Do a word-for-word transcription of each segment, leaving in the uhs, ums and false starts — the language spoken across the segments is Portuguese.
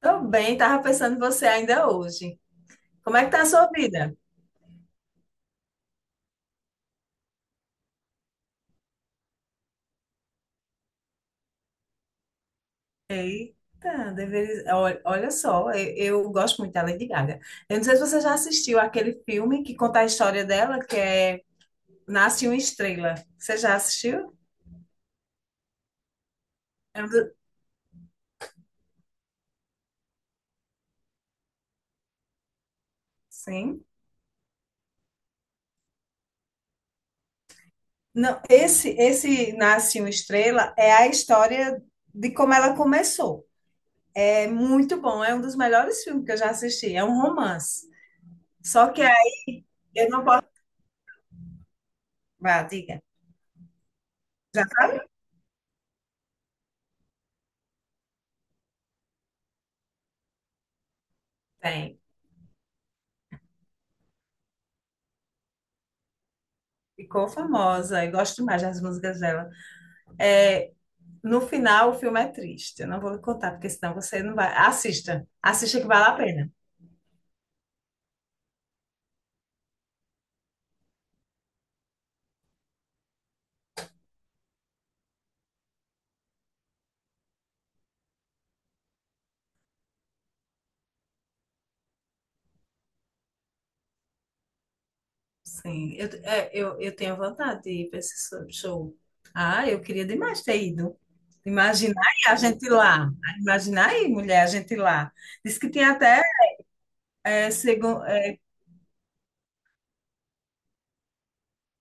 Tô bem, tava pensando em você ainda hoje. Como é que tá a sua vida? Eita, deveria. ol- Olha só, eu, eu gosto muito da Lady Gaga. Eu não sei se você já assistiu aquele filme que conta a história dela, que é Nasce uma Estrela. Você já assistiu? É um do-. Sim. Não, esse, esse Nasce uma Estrela é a história de como ela começou. É muito bom, é um dos melhores filmes que eu já assisti. É um romance. Só que aí eu não posso. Vá, diga. Já sabe? Tem. Ficou famosa, eu gosto demais das músicas dela. É, no final, o filme é triste. Eu não vou lhe contar, porque senão você não vai. Assista, assista que vale a pena. Sim, eu, é, eu, eu tenho vontade de ir para esse so- show. Ah, eu queria demais ter ido. Imaginar aí a gente lá. Imaginar aí, mulher, a gente lá. Diz que tinha até, é, segun- é,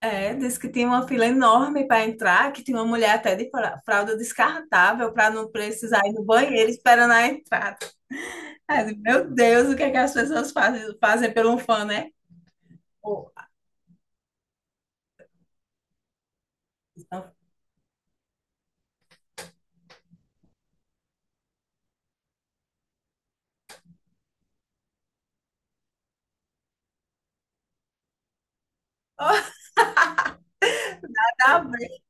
é, diz que tinha uma fila enorme para entrar, que tinha uma mulher até de fra- fralda descartável para não precisar ir no banheiro esperando a entrada. Mas, meu Deus, o que é que as pessoas fazem, fazem por um fã, né? Pô. Então. Oh, tá bem.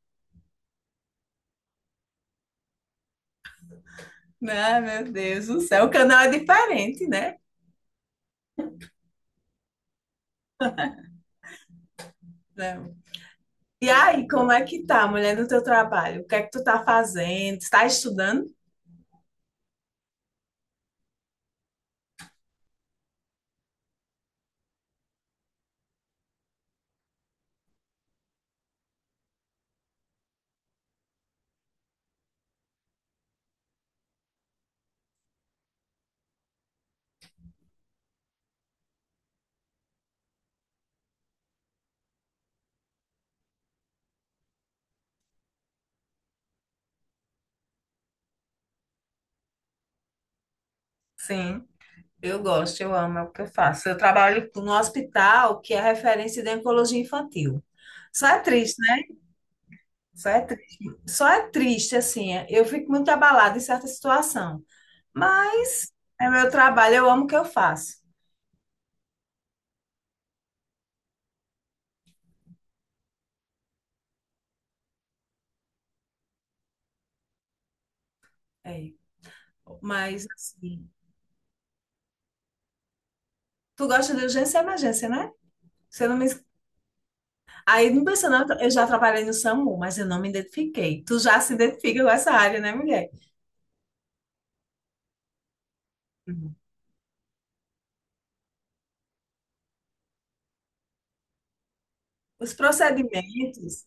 Ah, meu Deus do céu, o canal é diferente, né? Não. E aí, como é que tá, mulher, no teu trabalho? O que é que tu tá fazendo? Está estudando? Sim, eu gosto, eu amo, é o que eu faço. Eu trabalho no hospital que é referência de oncologia infantil. Só é triste, né? Só é triste. Só é triste, assim, é- eu fico muito abalada em certa situação. Mas é meu trabalho, eu amo o que eu faço. É. Mas, assim, tu gosta de urgência e emergência, né? Você não me. Aí, não pensa, não, eu já trabalhei no SAMU, mas eu não me identifiquei. Tu já se identifica com essa área, né, mulher? Uhum. Os procedimentos,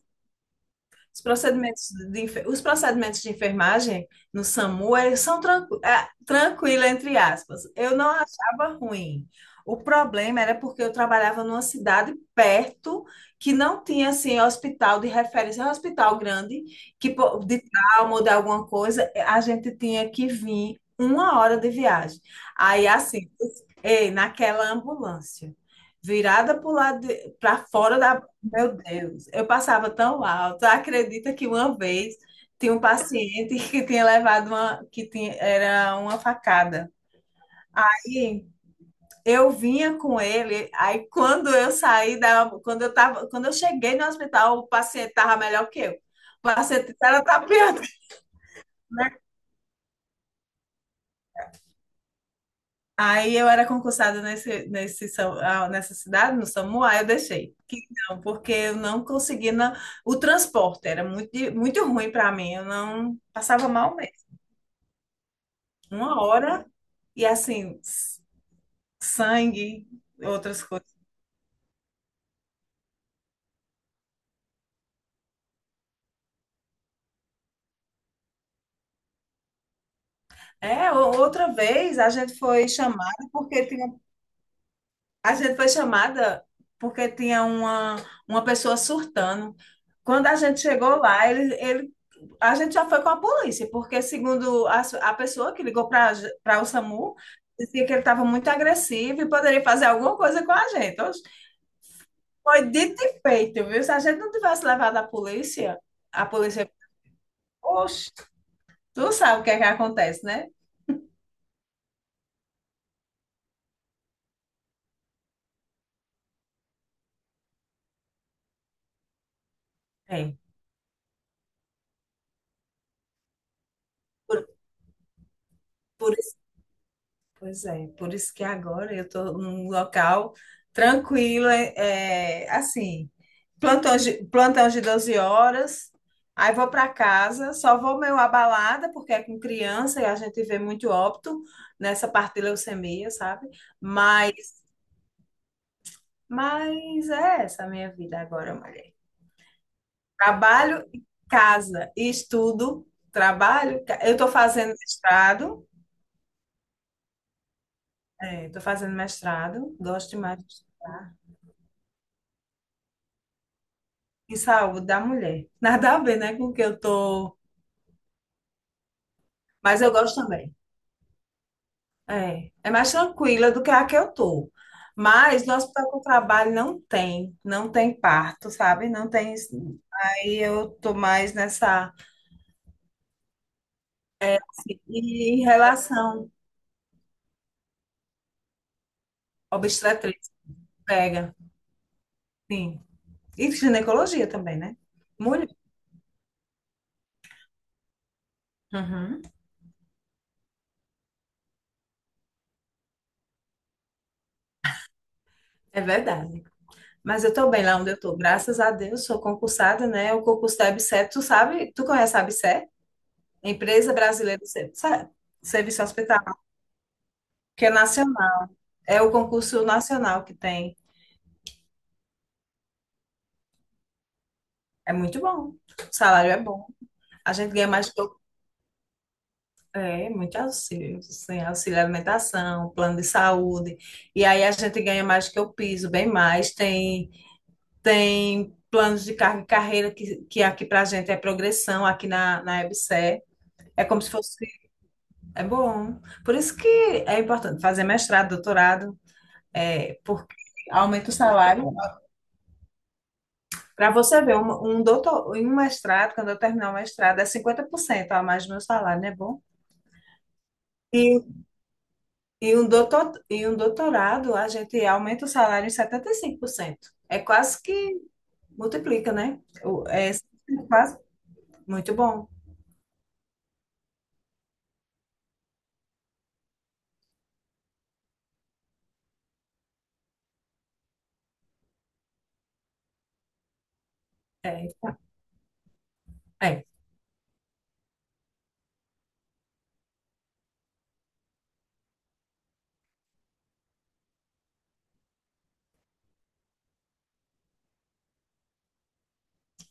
Os procedimentos de, enfe- os procedimentos de enfermagem no SAMU eles são tranqu, é, tranquilo, entre aspas. Eu não achava ruim. O problema era porque eu trabalhava numa cidade perto que não tinha assim hospital de referência. É um hospital grande, que po- de trauma ou de alguma coisa, a gente tinha que vir uma hora de viagem. Aí assim, ei, naquela ambulância virada para fora da, meu Deus, eu passava tão alto. Acredita que uma vez tinha um paciente que tinha levado uma, que tinha, era uma facada. Aí eu vinha com ele, aí quando eu saí da, quando eu tava, quando eu cheguei no hospital, o paciente tava melhor que eu. O paciente era tapeado, né? Aí eu era concursada nesse, nesse, Sam- ah, nessa cidade, no SAMU, aí eu deixei. Que não, porque eu não conseguia. Não- o transporte era muito, di- muito ruim para mim, eu não passava mal. Uma hora e assim, s- sangue, outras coisas. É, o- outra vez a gente foi chamada porque tinha, a gente foi chamada porque tinha uma, uma pessoa surtando. Quando a gente chegou lá, ele, ele, a gente já foi com a polícia, porque segundo a, s- a pessoa que ligou para para o SAMU, dizia que ele estava muito agressivo e poderia fazer alguma coisa com a gente. Oxe. Foi dito e feito, viu? Se a gente não tivesse levado a polícia, a polícia, oxe. Tu sabe o que é que acontece, né? É. Por, por isso, pois é, por isso que agora eu estou num local tranquilo, é, é, assim, plantão de, plantão de doze horas, aí vou para casa, só vou meio abalada, porque é com criança e a gente vê muito óbito nessa parte de leucemia, sabe? Mas, mas é essa a minha vida agora, mulher. Trabalho, e casa e estudo, trabalho, ca- eu estou fazendo mestrado, estou fazendo mestrado, gosto demais de estudar. Em saúde da mulher. Nada a ver, né, com o que eu tô, mas eu gosto também. É, é mais tranquila do que a que eu tô. Mas no hospital que eu trabalho não tem, não tem parto, sabe? Não tem isso. Aí eu tô mais nessa. E em relação à obstetrícia, pega, sim. E ginecologia também, né? Mulher. Uhum. É verdade. Mas eu tô bem lá onde eu tô, graças a Deus, sou concursada, né? O concurso da ABSERH, tu sabe, tu conhece a ABSERH? Empresa Brasileira de Ser- Sa- Serviço Hospitalar, que é nacional, é o concurso nacional que tem. É muito bom, o salário é bom. A gente ganha mais que o- é, muito auxílio, assim, auxílio alimentação, plano de saúde. E aí a gente ganha mais que o piso, bem mais. Tem, tem planos de carga e carreira que, que aqui pra gente é progressão, aqui na, na EBSERH. É como se fosse. É bom. Por isso que é importante fazer mestrado, doutorado, é, porque aumenta o salário. Para você ver, um, um doutor, em um mestrado, quando eu terminar o mestrado, é cinquenta por cento a mais do meu salário, não é bom? E, e, um doutor, e um doutorado, a gente aumenta o salário em setenta e cinco por cento. É quase que multiplica, né? O- É quase muito bom. É, é.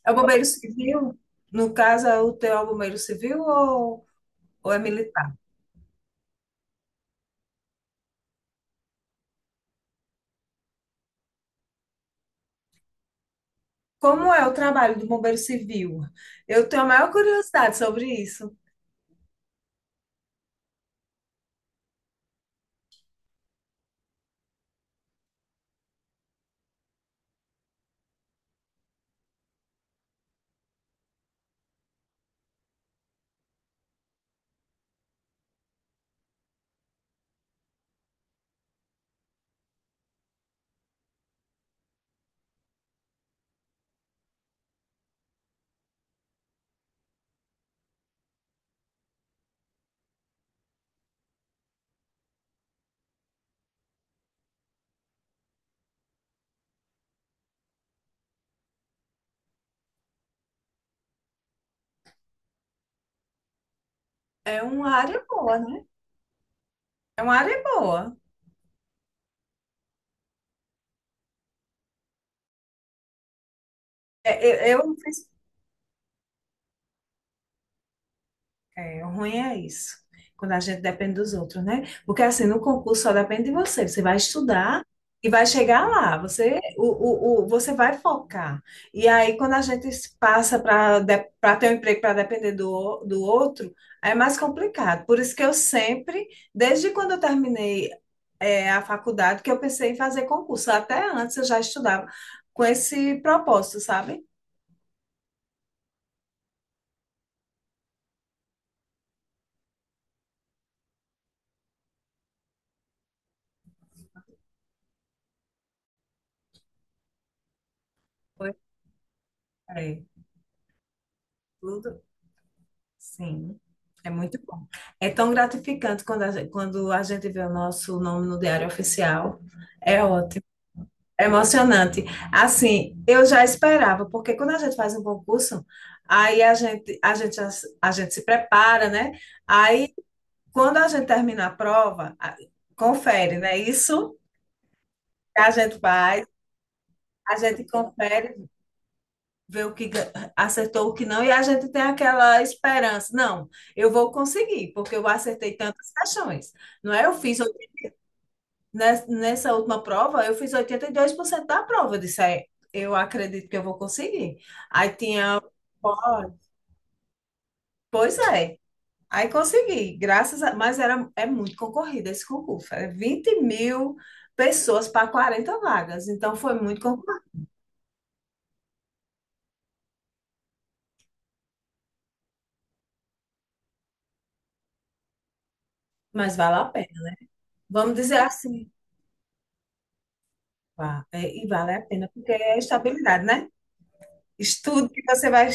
É o bombeiro civil? No caso, é o teu bombeiro civil ou, ou é militar? Como é o trabalho do bombeiro civil? Eu tenho a maior curiosidade sobre isso. É uma área boa, né? É uma área boa. É, eu, eu não fiz. É, o ruim é isso, quando a gente depende dos outros, né? Porque assim, no concurso só depende de você. Você vai estudar e vai chegar lá. Você, o, o, o- você vai focar. E aí, quando a gente se passa para para ter um emprego para depender do, do outro, é mais complicado. Por isso que eu sempre, desde quando eu terminei é, a faculdade que eu pensei em fazer concurso. Até antes eu já estudava com esse propósito, sabe? Pois é. Tudo, sim, é muito bom. É tão gratificante quando a gente, quando a gente vê o nosso nome no Diário Oficial. É ótimo, é emocionante. Assim, eu já esperava, porque quando a gente faz um concurso, aí a gente, a gente, já se- a gente se prepara, né? Aí, quando a gente termina a prova, a- confere, né? Isso que a gente faz. A gente confere, vê o que ga- acertou, o que não, e a gente tem aquela esperança. Não, eu vou conseguir, porque eu acertei tantas questões. Não é? Eu fiz, oit- nes- nessa última prova, eu fiz oitenta e dois por cento da prova. Eu disse: "É, eu acredito que eu vou conseguir." Aí tinha. Ó, pois é. Aí consegui, graças a. Mas era, é muito concorrido esse concurso. Era vinte mil pessoas para quarenta vagas. Então foi muito concorrido, mas vale a pena. Vamos dizer assim. Vá, é, e vale a pena, porque é estabilidade, né? Estudo que você vai,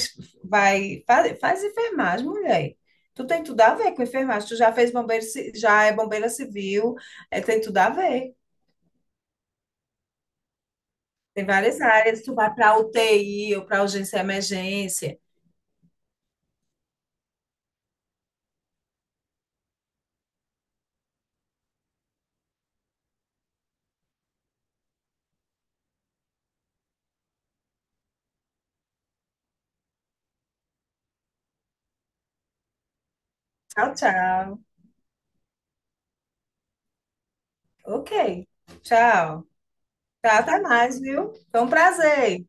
vai faz, faz enfermagem, mulher. Tu tem tudo a ver com enfermagem. Tu já fez bombeiro, ci- já é bombeira civil, é, tem tudo a ver. Tem várias áreas. Tu vai para U T I ou para urgência e emergência. Tchau, tchau. Ok. Tchau. Tá, até mais, viu? Foi um prazer.